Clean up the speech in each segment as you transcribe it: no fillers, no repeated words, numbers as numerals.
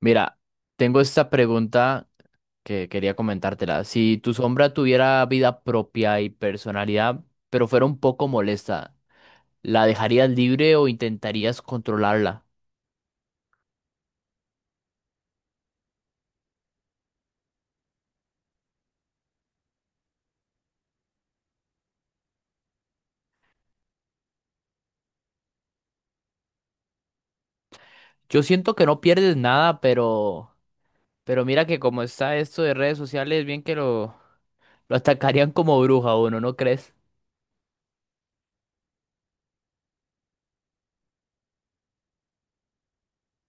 Mira, tengo esta pregunta que quería comentártela. Si tu sombra tuviera vida propia y personalidad, pero fuera un poco molesta, ¿la dejarías libre o intentarías controlarla? Yo siento que no pierdes nada, pero mira que como está esto de redes sociales, bien que lo atacarían como bruja a uno, ¿no crees?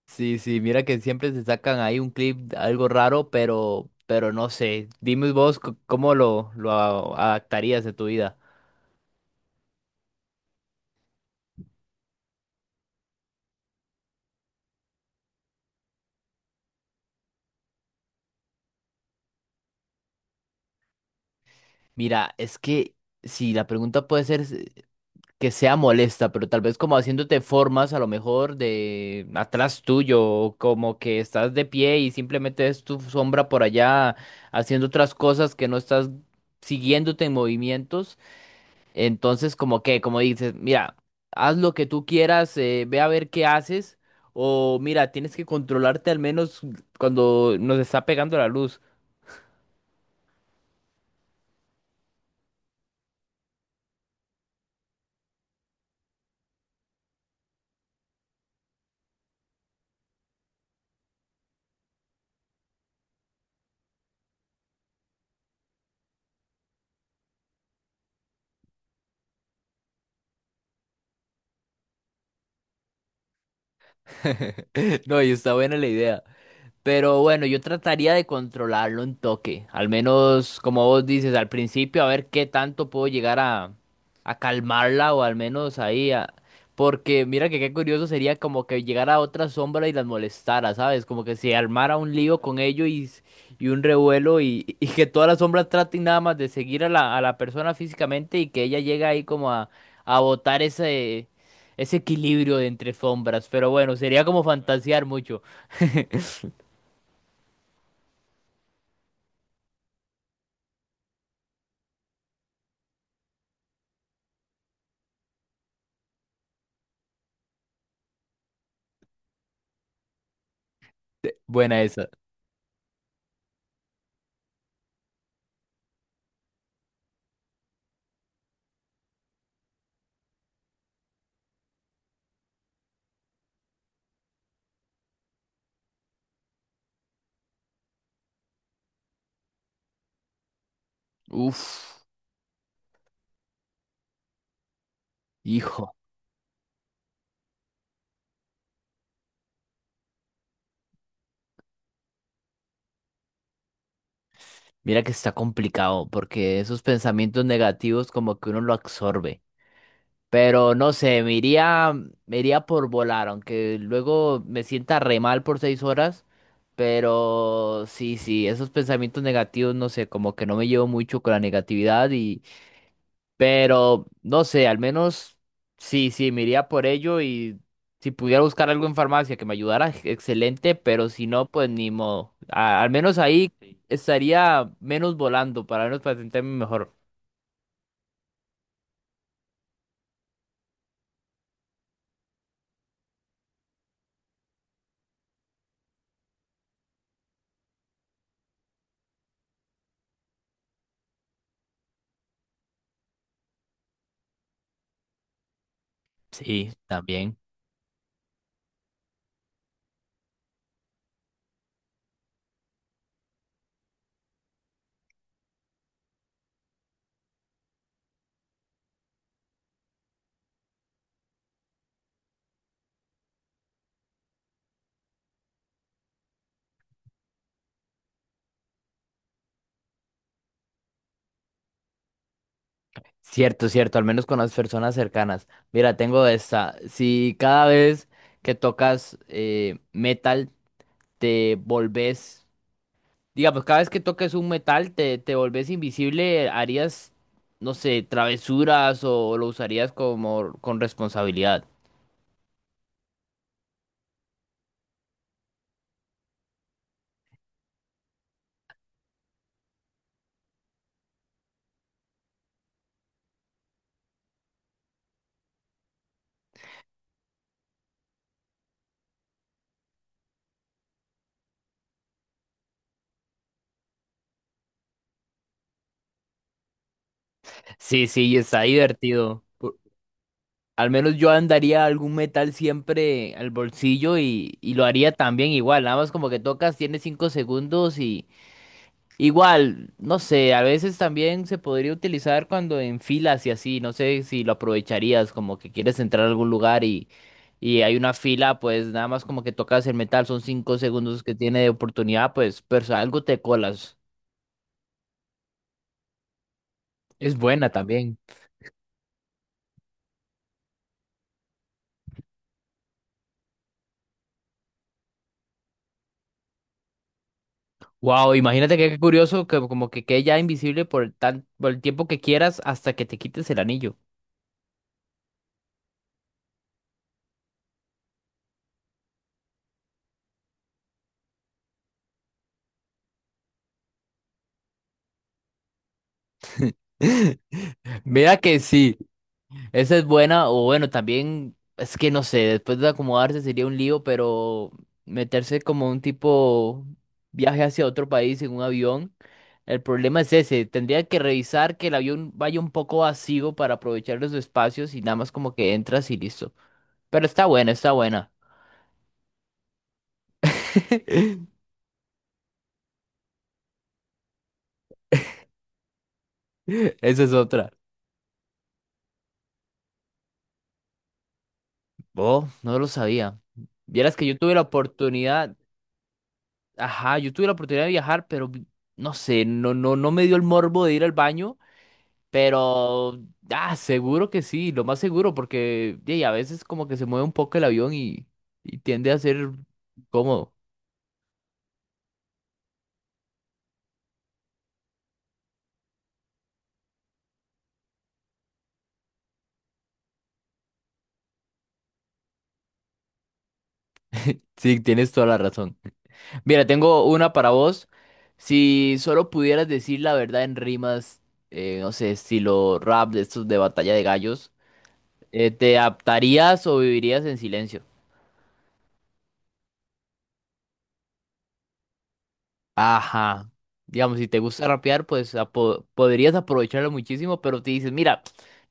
Sí, sí, mira que siempre se sacan ahí un clip, algo raro, pero no sé. Dime vos cómo lo adaptarías de tu vida. Mira, es que si la pregunta puede ser que sea molesta, pero tal vez como haciéndote formas a lo mejor de atrás tuyo, o como que estás de pie y simplemente es tu sombra por allá haciendo otras cosas que no estás siguiéndote en movimientos, entonces como que, como dices, mira, haz lo que tú quieras, ve a ver qué haces, o mira, tienes que controlarte al menos cuando nos está pegando la luz. No, y está buena la idea. Pero bueno, yo trataría de controlarlo un toque. Al menos, como vos dices, al principio, a ver qué tanto puedo llegar a calmarla o al menos ahí. Porque mira que qué curioso sería como que llegara otra sombra y las molestara, ¿sabes? Como que se armara un lío con ello y y un revuelo y que todas las sombras traten nada más de seguir a a la persona físicamente y que ella llegue ahí como a botar ese equilibrio de entre sombras. Pero bueno, sería como fantasear mucho. Buena esa. Uf, hijo, mira que está complicado porque esos pensamientos negativos como que uno lo absorbe. Pero no sé, me iría por volar, aunque luego me sienta re mal por 6 horas. Pero sí, sí, esos pensamientos negativos, no sé, como que no me llevo mucho con la negatividad pero no sé, al menos sí, sí, me iría por ello y si pudiera buscar algo en farmacia que me ayudara, excelente, pero si no, pues ni modo. Al menos ahí sí estaría menos volando, para al menos para sentirme mejor. Sí, también. Cierto, cierto, al menos con las personas cercanas. Mira, tengo esta. Si cada vez que tocas metal te volvés, digamos, cada vez que toques un metal, te volvés invisible, harías, no sé, travesuras o lo usarías como con responsabilidad. Sí, sí, está divertido. Al menos yo andaría algún metal siempre al bolsillo y lo haría también igual. Nada más como que tocas, tienes 5 segundos. Igual, no sé, a veces también se podría utilizar cuando en filas y así, no sé si lo aprovecharías, como que quieres entrar a algún lugar y hay una fila, pues nada más como que tocas el metal, son 5 segundos que tiene de oportunidad, pues, pero algo te colas. Es buena también. Wow, imagínate que qué curioso que como que quede ya invisible por el tan, por el tiempo que quieras hasta que te quites el anillo. Mira que sí. Esa es buena, o bueno, también es que no sé, después de acomodarse sería un lío, pero meterse como un tipo viaje hacia otro país en un avión, el problema es ese, tendría que revisar que el avión vaya un poco vacío para aprovechar los espacios y nada más como que entras y listo. Pero está buena, está buena. Esa es otra. Oh, no lo sabía. Vieras que yo tuve la oportunidad, ajá, yo tuve la oportunidad de viajar, pero no sé, no me dio el morbo de ir al baño. Pero, ah, seguro que sí, lo más seguro, porque y a veces como que se mueve un poco el avión y tiende a ser cómodo. Sí, tienes toda la razón. Mira, tengo una para vos. Si solo pudieras decir la verdad en rimas, no sé, estilo rap de estos de batalla de gallos, ¿te adaptarías o vivirías en silencio? Ajá. Digamos, si te gusta rapear, pues podrías aprovecharlo muchísimo, pero te dices, mira,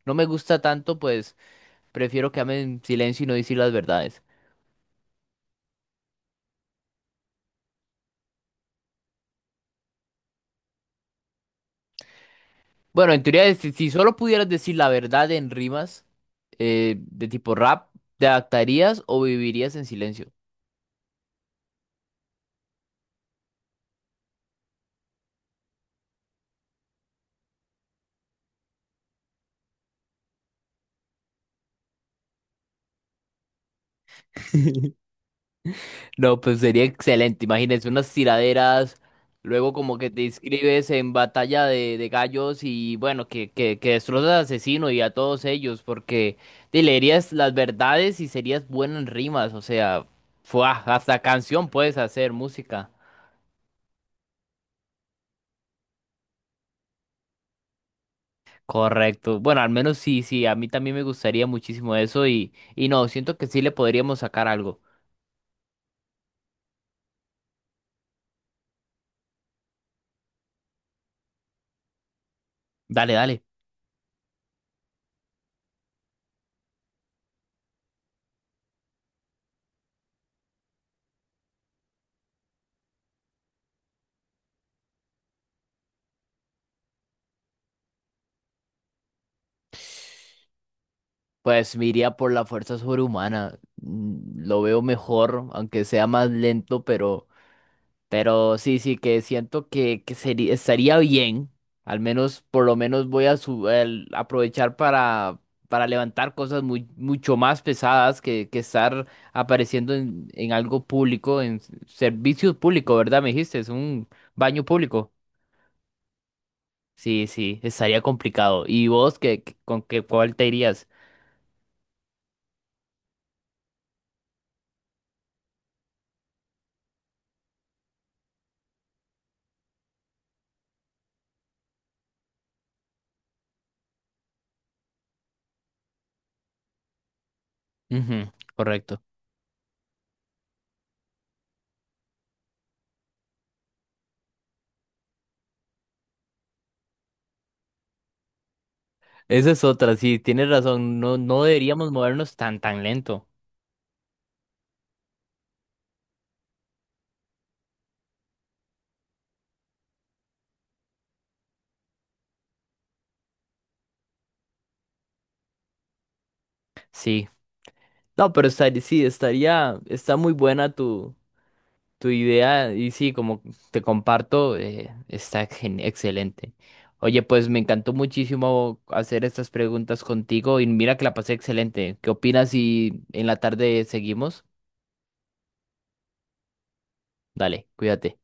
no me gusta tanto, pues... Prefiero quedarme en silencio y no decir las verdades. Bueno, en teoría, si solo pudieras decir la verdad en rimas de tipo rap, ¿te adaptarías o vivirías en silencio? No, pues sería excelente. Imagínense unas tiraderas, luego como que te inscribes en batalla de gallos y bueno, que destrozas al asesino y a todos ellos, porque te leerías las verdades y serías bueno en rimas, o sea, fuah, hasta canción puedes hacer, música. Correcto. Bueno, al menos sí, sí, a mí también me gustaría muchísimo eso y no, siento que sí le podríamos sacar algo. Dale, dale. Pues me iría por la fuerza sobrehumana. Mm, lo veo mejor, aunque sea más lento, pero... Pero sí, sí, que siento que sería, estaría bien. Al menos, por lo menos voy a aprovechar para levantar cosas muy, mucho más pesadas que estar apareciendo en algo público, en servicios públicos, ¿verdad? Me dijiste, es un baño público. Sí, sí, estaría complicado. ¿Y vos qué, con qué, cuál te irías? Ujú, correcto. Esa es otra, sí, tienes razón. No, no deberíamos movernos tan, tan lento. Sí. No, pero estaría, sí, estaría, está muy buena tu idea y sí, como te comparto, está excelente. Oye, pues me encantó muchísimo hacer estas preguntas contigo y mira que la pasé excelente. ¿Qué opinas si en la tarde seguimos? Dale, cuídate.